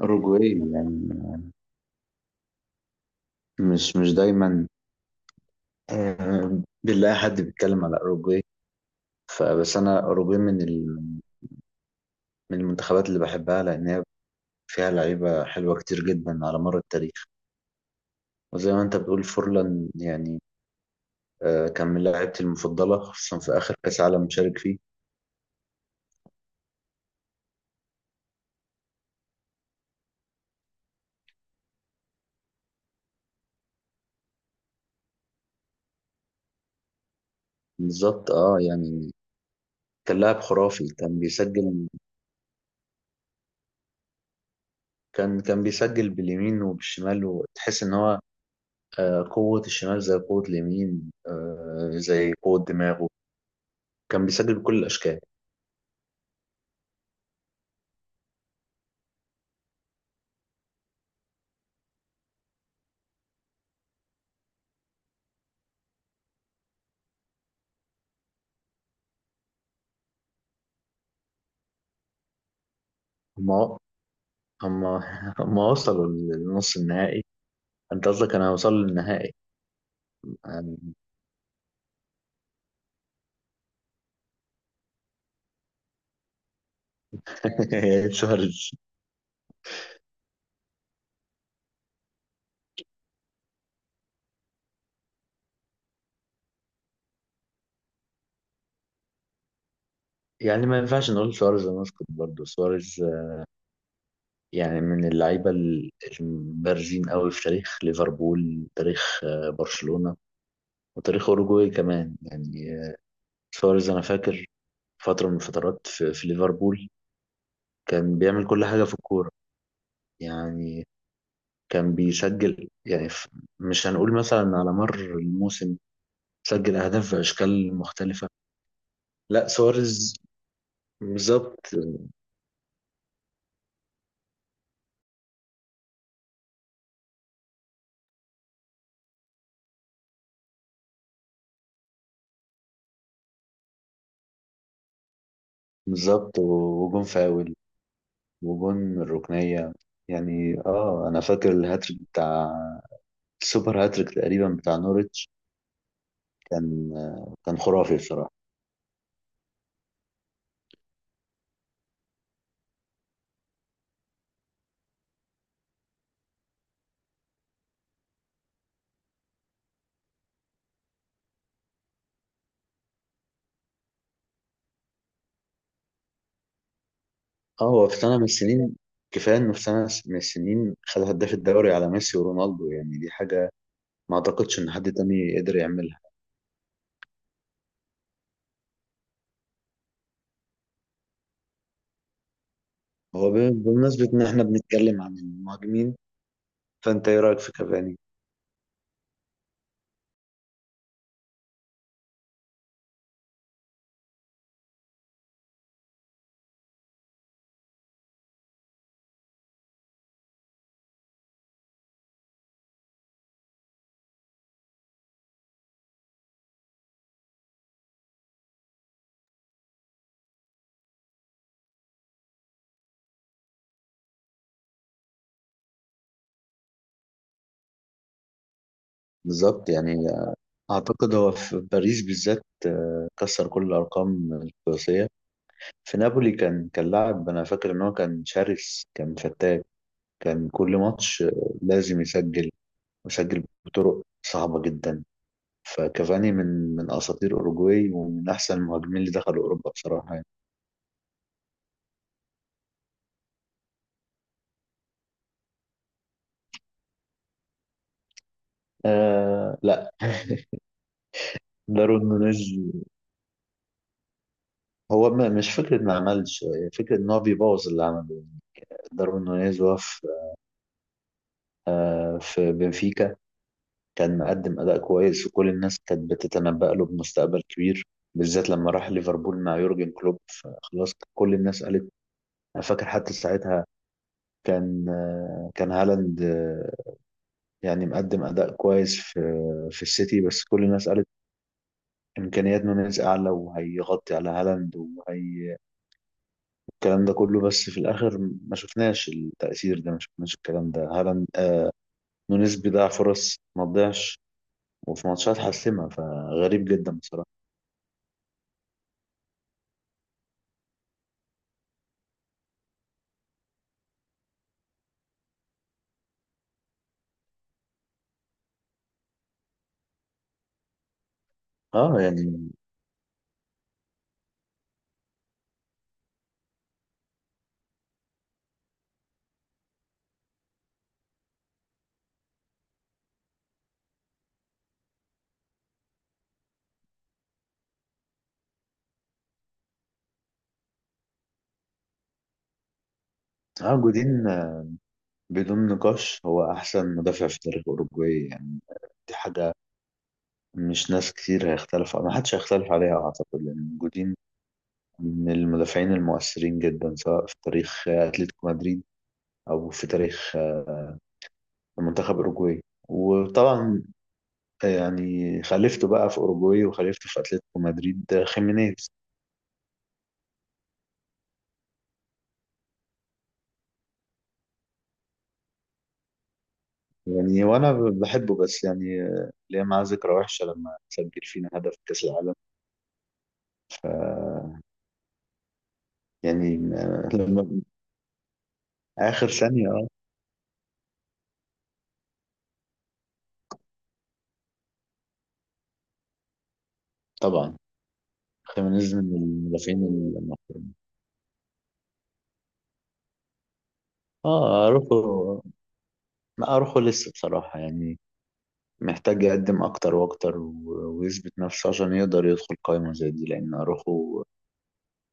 أوروجواي يعني. مش دايما، بنلاقي حد بيتكلم على أوروجواي. فبس أنا أوروجواي من المنتخبات اللي بحبها لأن هي فيها لعيبة حلوة كتير جدا على مر التاريخ. وزي ما أنت بتقول فورلان يعني، كان من لعيبتي المفضلة خصوصا في آخر كأس عالم شارك فيه. بالظبط أه يعني، كان لاعب خرافي كان بيسجل. كان بيسجل باليمين وبالشمال وتحس إن هو قوة الشمال زي قوة اليمين، زي قوة دماغه. كان بيسجل بكل الاشكال. هما هما هما وصلوا للنص النهائي. انت قصدك انا هوصل للنهائي يعني. سواريز. يعني ما ينفعش نقول سواريز، مسكت برضه سواريز. يعني من البارزين قوي في تاريخ ليفربول، تاريخ برشلونه، وتاريخ اوروجواي كمان يعني. سواريز انا فاكر فتره من الفترات في ليفربول كان بيعمل كل حاجه في الكوره. يعني كان بيسجل مش هنقول مثلا على مر الموسم، سجل أهداف في أشكال مختلفة. لا سواريز. بالظبط. بالظبط وجون فاول، وجون من الركنية. يعني اه انا فاكر الهاتريك بتاع، السوبر هاتريك تقريبا بتاع نوريتش. كان كان خرافي بصراحة. اه هو في سنة من السنين، كفاية انه في سنة من السنين خد هداف الدوري على ميسي ورونالدو، يعني دي حاجة ما اعتقدش ان حد تاني قدر يعملها. هو ب- بمناسبة ان احنا بنتكلم عن المهاجمين، فانت ايه رأيك في كافاني؟ بالظبط يعني، أعتقد هو في باريس بالذات كسر كل الأرقام القياسية. في نابولي كان لاعب، أنا فاكر إن هو كان شرس كان فتاك، كان كل ماتش لازم يسجل، ويسجل بطرق صعبة جدا. فكافاني من أساطير أوروجواي ومن أحسن المهاجمين اللي دخلوا أوروبا بصراحة يعني. آه لا. داروين نونيز. مش فكرة ما عملش، هي فكرة إن هو بيبوظ اللي عمله. داروين نونيز وقف في بنفيكا، كان مقدم أداء كويس وكل الناس كانت بتتنبأ له بمستقبل كبير، بالذات لما راح ليفربول مع يورجن كلوب فخلاص كل الناس قالت. أنا فاكر حتى ساعتها كان، كان هالاند يعني مقدم أداء كويس في السيتي، بس كل الناس قالت إمكانيات نونيز أعلى وهيغطي على هالاند وهي الكلام ده كله. بس في الآخر ما شفناش التأثير ده، ما شفناش الكلام ده. هالاند نونيز بيضيع فرص ما تضيعش، وفي ماتشات حاسمة، فغريب جدا بصراحة. اه يعني. اه جودين بدون نقاش هو احسن مدافع في تاريخ اوروجواي يعني. دي حاجه مش ناس كتير هيختلف، ما حدش هيختلف عليها اعتقد، لان جودين من المدافعين المؤثرين جدا، سواء في تاريخ اتلتيكو مدريد او في تاريخ منتخب اوروجواي. وطبعا يعني خلفته بقى في اوروجواي وخلفته في اتلتيكو مدريد خيمينيز. يعني وانا بحبه، بس يعني ليه معاه ذكرى وحشه لما سجل فينا هدف في كاس العالم. ف يعني لما اخر ثانيه. طبعا. فيمينيزم المدافعين المحترمين. اه اروخو. لا اروخو لسه بصراحة يعني، محتاج يقدم اكتر واكتر ويثبت نفسه عشان يقدر يدخل قائمة زي دي، لان اروخو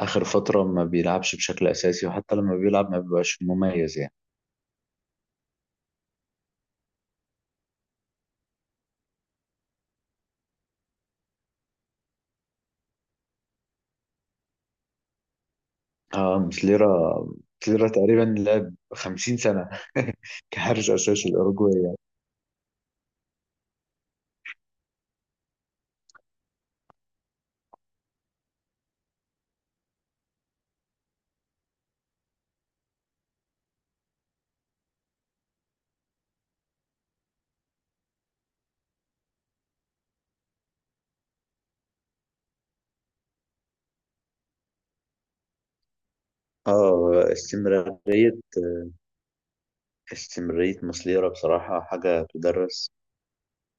اخر فترة ما بيلعبش بشكل اساسي، وحتى لما بيلعب ما بيبقاش مميز يعني. اه مسليرا تقريبا لعب 50 سنة كحارس اساسي الاوروجواي. اه استمرارية، استمرارية مسليرا بصراحة حاجة تدرس.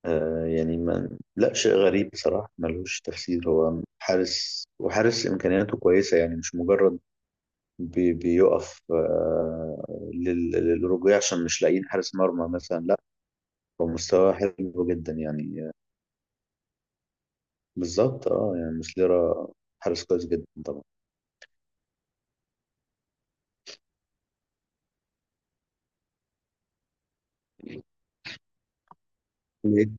آه يعني، ما لا شيء غريب بصراحة ملوش تفسير، هو حارس وحارس إمكانياته كويسة، يعني مش مجرد بيقف للرجوع عشان مش لاقيين حارس مرمى مثلا، لا، هو مستواه حلو جدا يعني بالظبط. اه يعني مسليرا حارس كويس جدا طبعا. ليه؟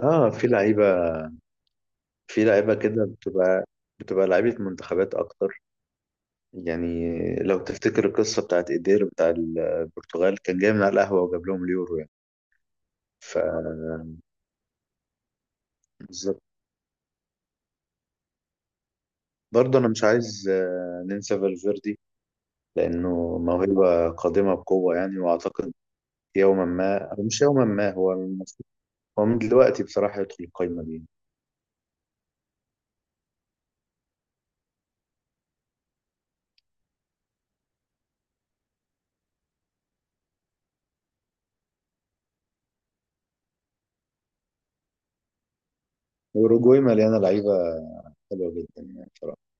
اه في لعيبة، في لعيبة كده بتبقى، بتبقى لعيبة منتخبات أكتر. يعني لو تفتكر القصة بتاعت إيدير بتاع البرتغال، كان جاي من على القهوة وجاب لهم اليورو. ف بالظبط. برضه انا مش عايز ننسى فالفيردي، لانه موهبه قادمه بقوه يعني، واعتقد يوما ما أو مش يوما ما هو المفروض، هو من دلوقتي بصراحه يدخل القايمه دي. واوروجواي مليانه لعيبه حلوه جدا يعني بصراحه.